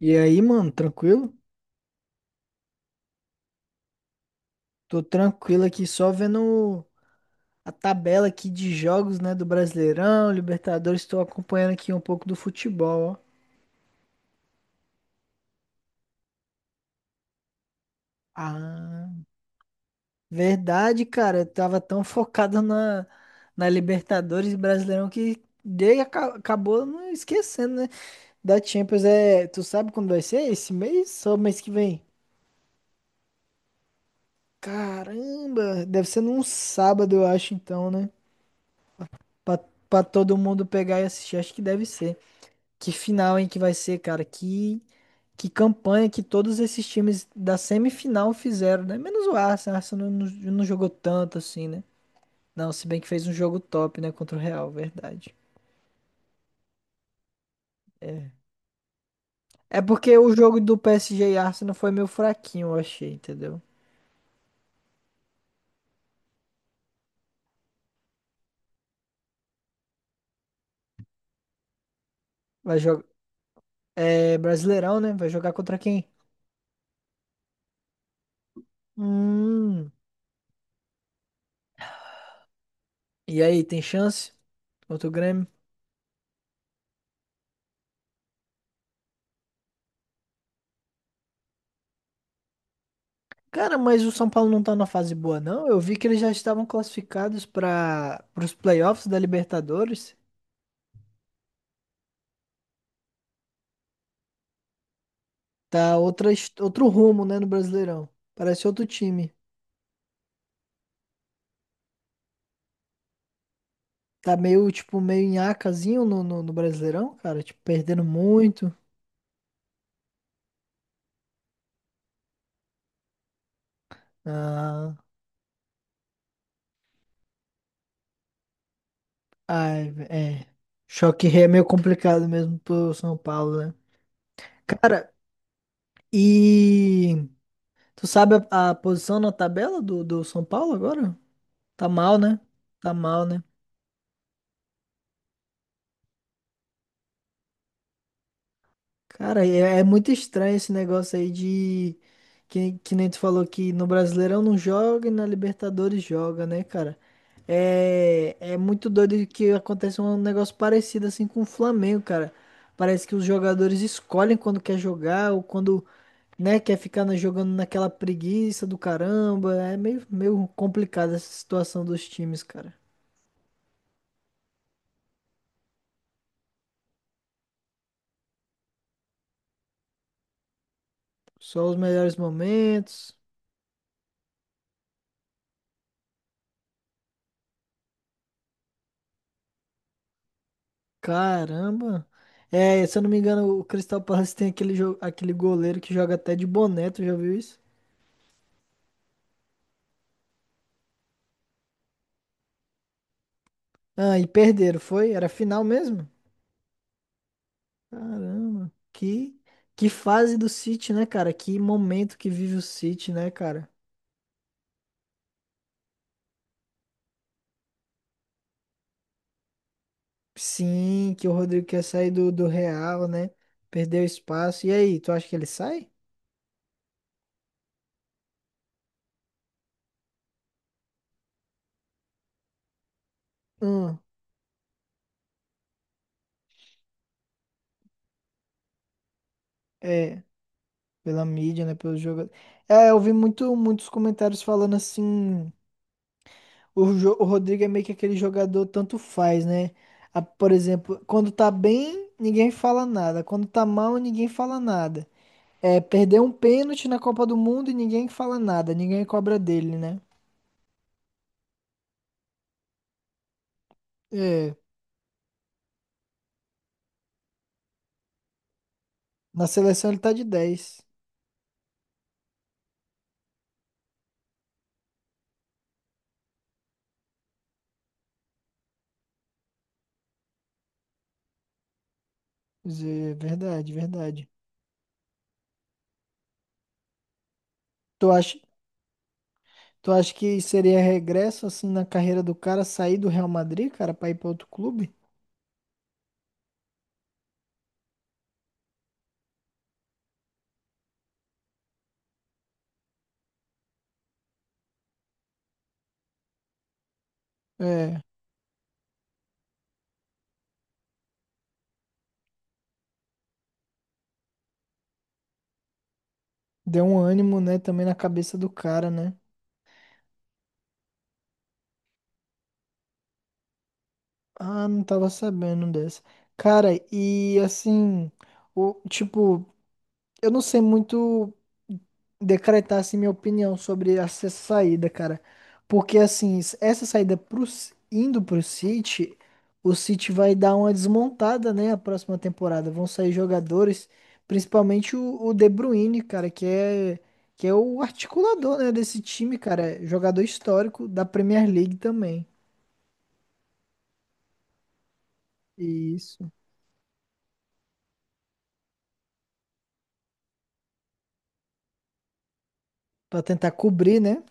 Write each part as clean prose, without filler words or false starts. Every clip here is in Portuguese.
E aí, mano, tranquilo? Tô tranquilo aqui, só vendo a tabela aqui de jogos, né, do Brasileirão, Libertadores, tô acompanhando aqui um pouco do futebol, ó. Ah, verdade, cara, eu tava tão focado na Libertadores e Brasileirão que acabou não esquecendo, né? Da Champions é, tu sabe quando vai ser? Esse mês ou mês que vem? Caramba, deve ser num sábado, eu acho, então, né? Pra, pra todo mundo pegar e assistir, acho que deve ser. Que final, hein, que vai ser, cara? Que campanha que todos esses times da semifinal fizeram, né? Menos o Arsenal. O Arsenal não jogou tanto assim, né? Não, se bem que fez um jogo top, né? Contra o Real, verdade. É. É porque o jogo do PSG e Arsenal foi meio fraquinho, eu achei, entendeu? Vai jogar. É Brasileirão, né? Vai jogar contra quem? Hum. E aí, tem chance? Contra o Grêmio? Cara, mas o São Paulo não tá na fase boa, não. Eu vi que eles já estavam classificados para os playoffs da Libertadores. Tá outra, outro rumo, né, no Brasileirão. Parece outro time. Tá meio, tipo, meio nhacazinho no Brasileirão, cara. Tipo, perdendo muito. Ah, ai, é. Choque rei é meio complicado mesmo pro São Paulo, né? Cara, e tu sabe a posição na tabela do São Paulo agora? Tá mal, né? Tá mal, né? Cara, é é muito estranho esse negócio aí de. Que nem tu falou que no Brasileirão não joga e na Libertadores joga, né, cara? É, é muito doido que aconteça um negócio parecido assim com o Flamengo, cara. Parece que os jogadores escolhem quando quer jogar ou quando, né, quer ficar jogando naquela preguiça do caramba. É meio, meio complicada essa situação dos times, cara. Só os melhores momentos. Caramba! É, se eu não me engano, o Crystal Palace tem aquele, aquele goleiro que joga até de boné, tu já viu isso? Ah, e perderam, foi? Era final mesmo? Caramba! Que fase do City, né, cara? Que momento que vive o City, né, cara? Sim, que o Rodrigo quer sair do Real, né? Perdeu espaço. E aí, tu acha que ele sai? Hum, é, pela mídia, né? Pelo jogo. É, eu vi muito, muitos comentários falando assim. O, o Rodrigo é meio que aquele jogador tanto faz, né? Por exemplo, quando tá bem, ninguém fala nada. Quando tá mal, ninguém fala nada. É, perdeu um pênalti na Copa do Mundo e ninguém fala nada, ninguém cobra dele, né? É, na seleção ele tá de dez. Quer. Verdade, verdade. Tu acha, tu acha que seria regresso assim na carreira do cara sair do Real Madrid, cara, pra ir pra outro clube? É, deu um ânimo, né, também na cabeça do cara, né? Ah, não tava sabendo dessa. Cara, e assim, o, tipo, eu não sei muito decretar assim minha opinião sobre essa saída, cara. Porque assim, essa saída pro, indo pro City, o City vai dar uma desmontada, né, a próxima temporada. Vão sair jogadores, principalmente o De Bruyne, cara, que é o articulador, né, desse time, cara. É jogador histórico da Premier League também. Isso. Pra tentar cobrir, né?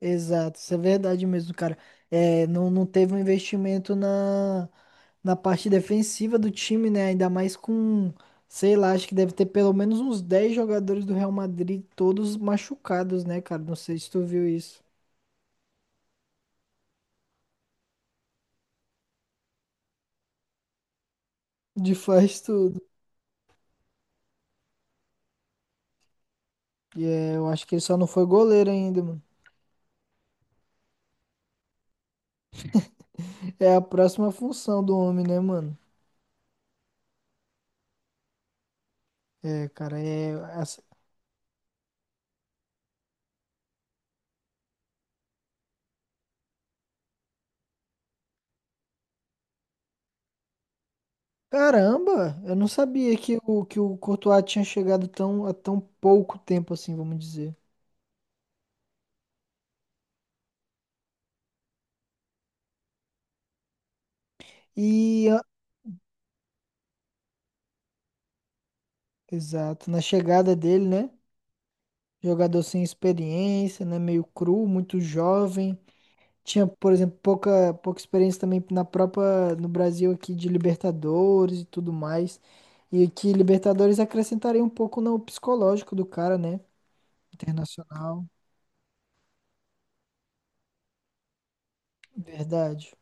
Exato, isso é verdade mesmo, cara. É, não teve um investimento na, na parte defensiva do time, né? Ainda mais com, sei lá, acho que deve ter pelo menos uns 10 jogadores do Real Madrid, todos machucados, né, cara? Não sei se tu viu isso. De faz tudo. E é, eu acho que ele só não foi goleiro ainda, mano. É a próxima função do homem, né, mano? É, cara, é. essa- Caramba, eu não sabia que o Courtois tinha chegado tão, há tão pouco tempo assim, vamos dizer. E exato. Na chegada dele, né? Jogador sem experiência, né? Meio cru, muito jovem. Tinha, por exemplo, pouca experiência também na própria, no Brasil aqui de Libertadores e tudo mais. E que Libertadores acrescentaria um pouco no psicológico do cara, né? Internacional. Verdade.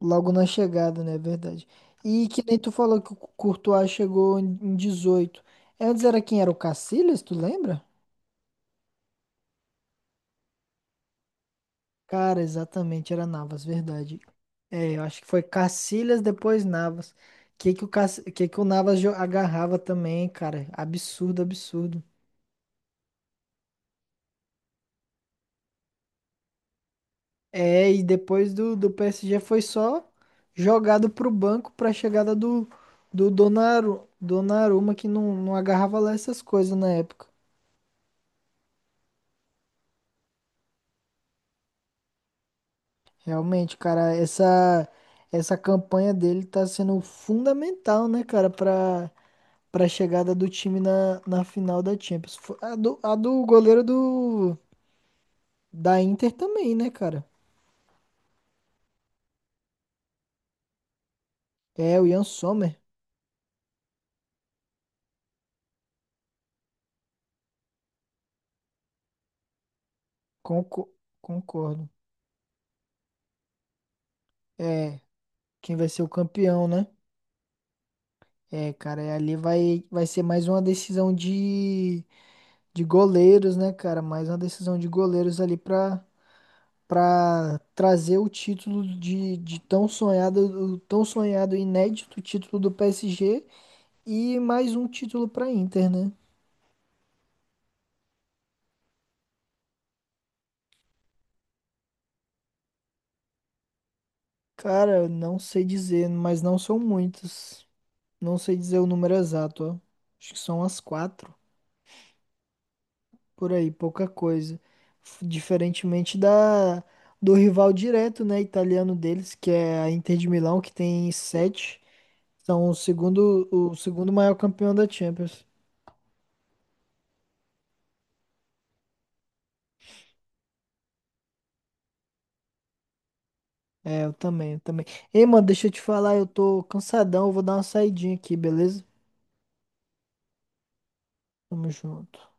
Logo na chegada, né? Verdade. E que nem tu falou que o Courtois chegou em 18. Antes era quem era o Casillas, tu lembra? Cara, exatamente, era Navas, verdade. É, eu acho que foi Cacilhas, depois Navas. Que o, que que o Navas agarrava também, cara? Absurdo, absurdo. É, e depois do PSG foi só jogado pro banco pra chegada do, do Donnarumma, que não agarrava lá essas coisas na época. Realmente, cara, essa campanha dele tá sendo fundamental, né, cara, pra para a chegada do time na final da Champions. A do goleiro do, da Inter também, né, cara? É, o Ian Sommer. Conco- concordo. É, quem vai ser o campeão, né? É, cara, e ali vai ser mais uma decisão de goleiros, né, cara? Mais uma decisão de goleiros ali pra, pra trazer o título de tão sonhado, o tão sonhado e inédito título do PSG e mais um título pra Inter, né? Cara, eu não sei dizer, mas não são muitos. Não sei dizer o número exato, ó. Acho que são as quatro, por aí, pouca coisa. Diferentemente da do rival direto, né, italiano deles, que é a Inter de Milão, que tem sete. São o segundo maior campeão da Champions. É, eu também, eu também. Ei, mano, deixa eu te falar, eu tô cansadão, eu vou dar uma saidinha aqui, beleza? Tamo junto.